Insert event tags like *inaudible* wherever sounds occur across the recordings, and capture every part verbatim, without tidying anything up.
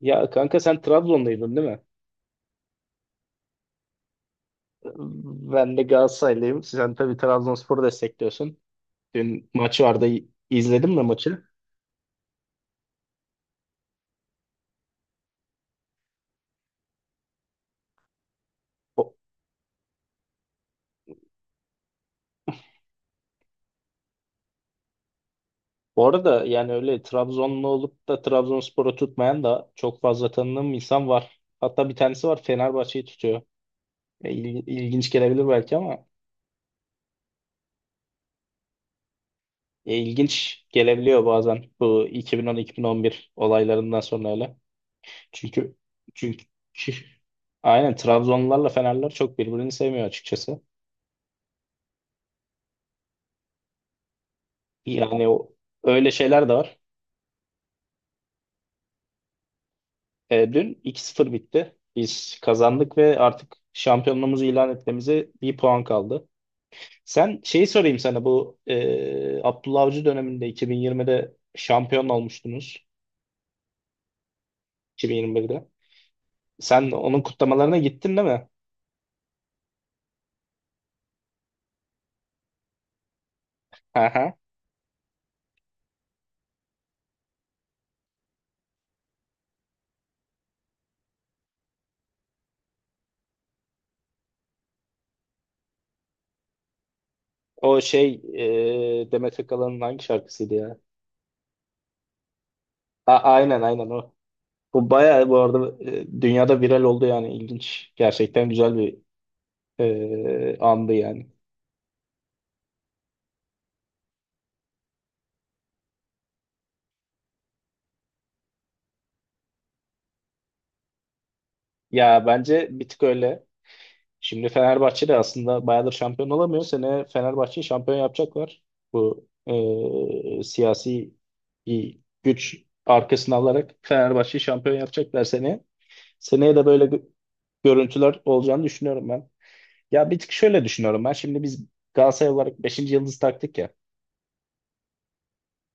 Ya kanka sen Trabzonluydun değil mi? Ben de Galatasaraylıyım. Sen tabii Trabzonspor'u destekliyorsun. Dün maç vardı. İzledin mi maçı? O- Bu arada yani öyle Trabzonlu olup da Trabzonspor'u tutmayan da çok fazla tanıdığım insan var. Hatta bir tanesi var Fenerbahçe'yi tutuyor. E, il- ilginç gelebilir belki ama e, ilginç gelebiliyor bazen bu iki bin on-iki bin on bir olaylarından sonra öyle. Çünkü çünkü *laughs* aynen Trabzonlularla Fenerler çok birbirini sevmiyor açıkçası. Yani o, öyle şeyler de var. E, dün iki sıfır bitti. Biz kazandık ve artık şampiyonluğumuzu ilan etmemize bir puan kaldı. Sen şeyi sorayım sana bu e, Abdullah Avcı döneminde iki bin yirmide şampiyon olmuştunuz. iki bin yirmi birde. Sen onun kutlamalarına gittin değil mi? Hı hı. O şey e, Demet Akalın'ın hangi şarkısıydı ya? A aynen aynen o. Bu bayağı bu arada e, dünyada viral oldu yani ilginç. Gerçekten güzel bir e, andı yani. Ya bence bir tık öyle. Şimdi Fenerbahçe de aslında bayağıdır şampiyon olamıyor. Sene Fenerbahçe'yi şampiyon yapacaklar. Bu e, siyasi bir güç arkasına alarak Fenerbahçe'yi şampiyon yapacaklar seneye. Seneye de böyle gö- görüntüler olacağını düşünüyorum ben. Ya bir tık şöyle düşünüyorum ben. Şimdi biz Galatasaray olarak beşinci yıldız taktık ya.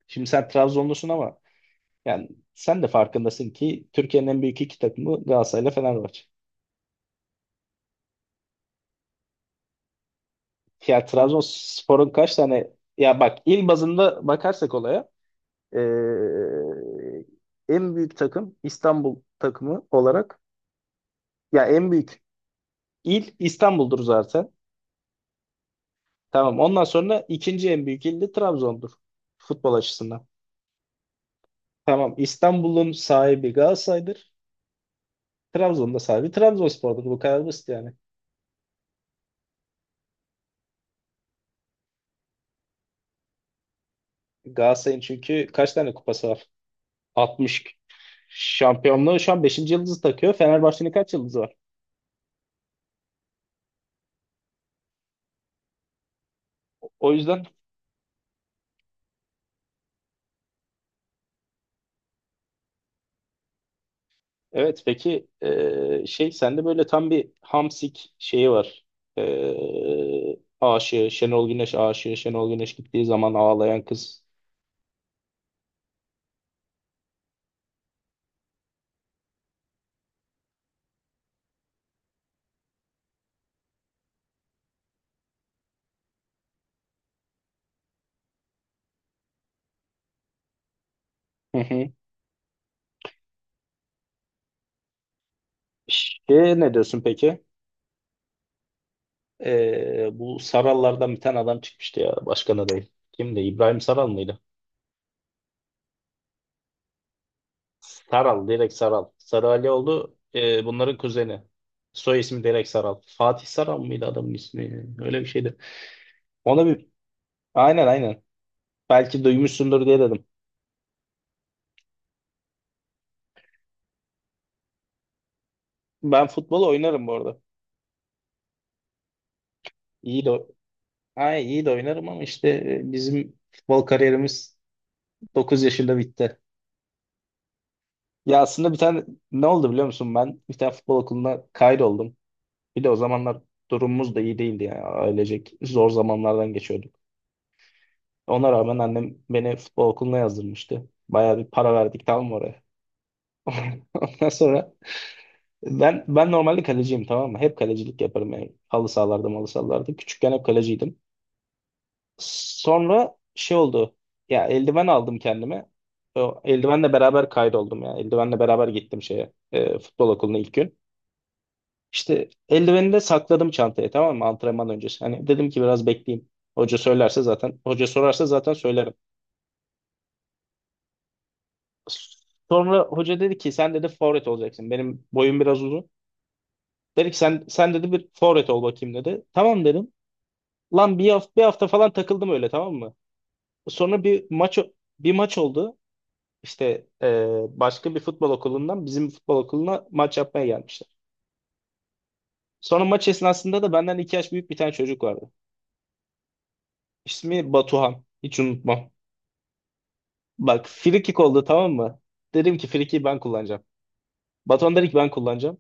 Şimdi sen Trabzonlusun ama yani sen de farkındasın ki Türkiye'nin en büyük iki takımı Galatasaray ile Fenerbahçe. Ya Trabzonspor'un kaç tane ya bak il bazında bakarsak olaya eee, en büyük takım İstanbul takımı olarak ya en büyük il İstanbul'dur zaten. Tamam ondan sonra ikinci en büyük il de Trabzon'dur futbol açısından. Tamam İstanbul'un sahibi Galatasaray'dır. Trabzon'da sahibi Trabzonspor'dur. Bu kadar basit yani. Galatasaray'ın çünkü kaç tane kupası var? Altmış. Şampiyonluğu şu an beşinci yıldızı takıyor. Fenerbahçe'nin kaç yıldızı var? O yüzden. Evet, peki, e, şey sende böyle tam bir hamsik şeyi var. E, aşığı Şenol Güneş aşığı Şenol Güneş gittiği zaman ağlayan kız. Hı hı. Şey ne diyorsun peki? E, bu Sarallardan bir tane adam çıkmıştı ya başkan adayı. Kimdi? İbrahim Saral mıydı? Saral direkt Saral. Sarı Alioğlu e, bunların kuzeni. Soy ismi direkt Saral. Fatih Saral mıydı adamın ismi? Öyle bir şeydi. Ona bir aynen aynen. Belki duymuşsundur diye dedim. Ben futbol oynarım bu arada. İyi de ay iyi de oynarım ama işte e, bizim futbol kariyerimiz dokuz yaşında bitti. Ya aslında bir tane ne oldu biliyor musun? Ben bir tane futbol okuluna kaydoldum. Bir de o zamanlar durumumuz da iyi değildi yani ailecek zor zamanlardan geçiyorduk. Ona rağmen annem beni futbol okuluna yazdırmıştı. Bayağı bir para verdik tamam mı oraya? *laughs* Ondan sonra ben ben normalde kaleciyim tamam mı? Hep kalecilik yaparım yani. Halı sahalarda, malı sahalarda. Küçükken hep kaleciydim. Sonra şey oldu. Ya eldiven aldım kendime. O eldivenle beraber kaydoldum ya. Eldivenle beraber gittim şeye. E, futbol okuluna ilk gün. İşte eldiveni de sakladım çantaya tamam mı? Antrenman öncesi. Hani dedim ki biraz bekleyeyim. Hoca söylerse zaten, hoca sorarsa zaten söylerim. Sonra hoca dedi ki sen dedi forvet olacaksın. Benim boyum biraz uzun. Dedi ki sen sen dedi bir forvet ol bakayım dedi. Tamam dedim. Lan bir hafta, bir hafta falan takıldım öyle tamam mı? Sonra bir maç bir maç oldu. İşte e, başka bir futbol okulundan bizim futbol okuluna maç yapmaya gelmişler. Sonra maç esnasında da benden iki yaş büyük bir tane çocuk vardı. İsmi Batuhan. Hiç unutmam. Bak free kick oldu tamam mı? Dedim ki free kick'i ben kullanacağım. Batuhan dedi ki ben kullanacağım.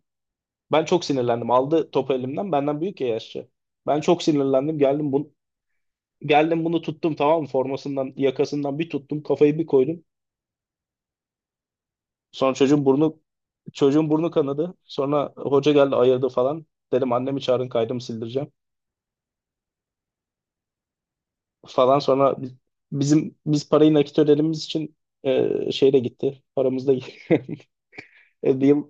Ben çok sinirlendim. Aldı topu elimden. Benden büyük ya yaşça. Ben çok sinirlendim. Geldim bunu geldim bunu tuttum tamam mı? Formasından, yakasından bir tuttum. Kafayı bir koydum. Sonra çocuğun burnu çocuğun burnu kanadı. Sonra hoca geldi ayırdı falan. Dedim annemi çağırın kaydımı sildireceğim. Falan sonra bi- bizim biz parayı nakit ödediğimiz için e, şey de gitti. Paramız da gitti. *laughs* E, bir yıl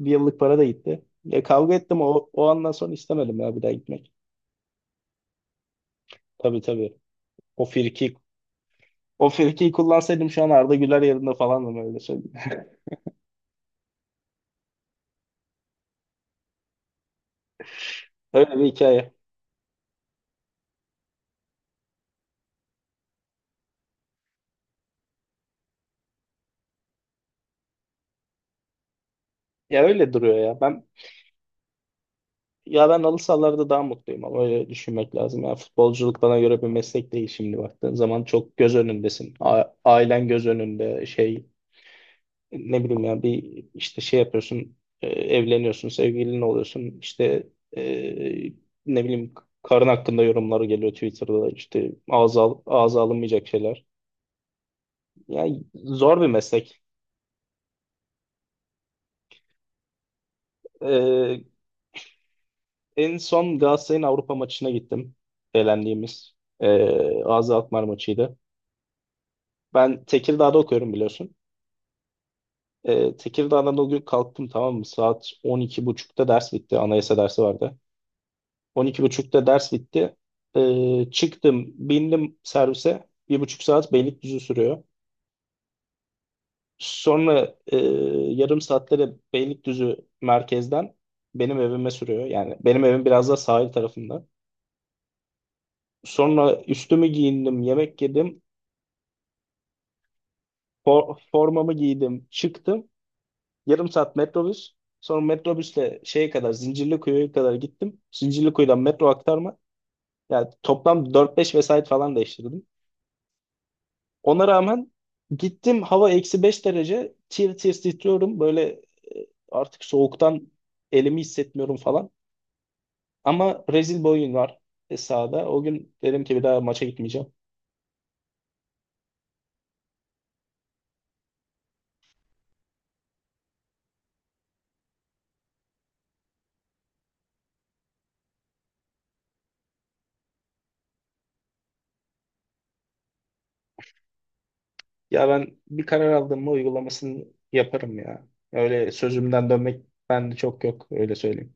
bir yıllık para da gitti. E, kavga ettim o o andan sonra istemedim ya bir daha gitmek. Tabii tabii. O firki O firkiyi kullansaydım şu an Arda Güler yerinde falandım öyle söyleyeyim. *laughs* Öyle bir hikaye. Ya öyle duruyor ya. Ben ya ben halı sahalarda daha mutluyum ama öyle düşünmek lazım. Ya futbolculuk bana göre bir meslek değil şimdi baktığın zaman çok göz önündesin. A- ailen göz önünde şey ne bileyim ya bir işte şey yapıyorsun e, evleniyorsun sevgilin oluyorsun işte e, ne bileyim karın hakkında yorumları geliyor Twitter'da işte ağza, al- ağza alınmayacak şeyler. Yani zor bir meslek. E, En son Galatasaray'ın Avrupa maçına gittim. Eğlendiğimiz e, ağza Alkmaar maçıydı. Ben Tekirdağ'da okuyorum biliyorsun. E, Tekirdağ'dan o gün kalktım tamam mı? Saat on iki buçukta ders bitti. Anayasa dersi vardı. On iki buçukta ders bitti. Ee, çıktım, bindim servise. Bir buçuk saat Beylikdüzü sürüyor. Sonra e, yarım saatte de Beylikdüzü merkezden benim evime sürüyor. Yani benim evim biraz da sahil tarafında. Sonra üstümü giyindim, yemek yedim, for- formamı giydim, çıktım. Yarım saat metrobüs. Sonra metrobüsle şeye kadar, Zincirlikuyu'ya kadar gittim. Zincirlikuyu'dan metro aktarma. Yani toplam dört beş vesait falan değiştirdim. Ona rağmen gittim hava eksi beş derece tir tir titriyorum böyle e, artık soğuktan elimi hissetmiyorum falan. Ama rezil bir oyun var e, sahada. O gün dedim ki bir daha maça gitmeyeceğim. Ya ben bir karar aldım mı uygulamasını yaparım ya. Öyle sözümden dönmek bende çok yok öyle söyleyeyim.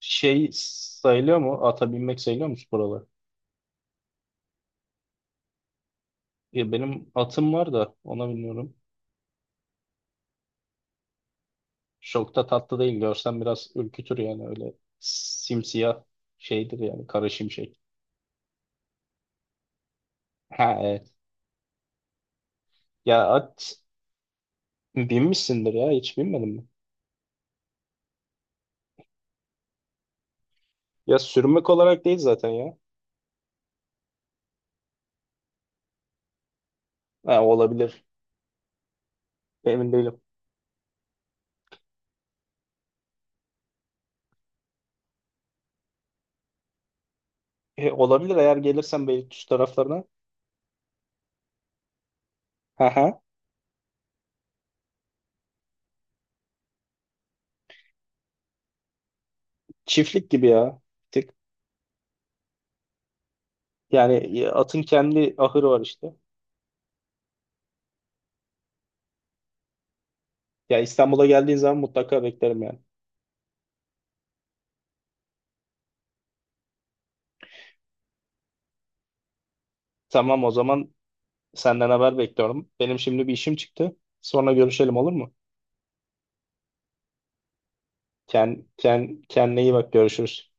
Şey sayılıyor mu? Ata binmek sayılıyor mu spor olarak? Ya benim atım var da ona bilmiyorum. Çok da tatlı değil. Görsen biraz ürkütür yani öyle simsiyah şeydir yani kara şimşek. Ha evet. Ya at binmişsindir ya hiç binmedin mi? Ya sürmek olarak değil zaten ya. Ha, olabilir. Emin değilim. E, olabilir eğer gelirsen Beylikdüzü taraflarına. Ha ha. Çiftlik gibi ya. Bir tık. Yani e, atın kendi ahırı var işte. Ya İstanbul'a geldiğin zaman mutlaka beklerim yani. Tamam o zaman senden haber bekliyorum. Benim şimdi bir işim çıktı. Sonra görüşelim olur mu? Ken, Ken, kendine iyi bak görüşürüz.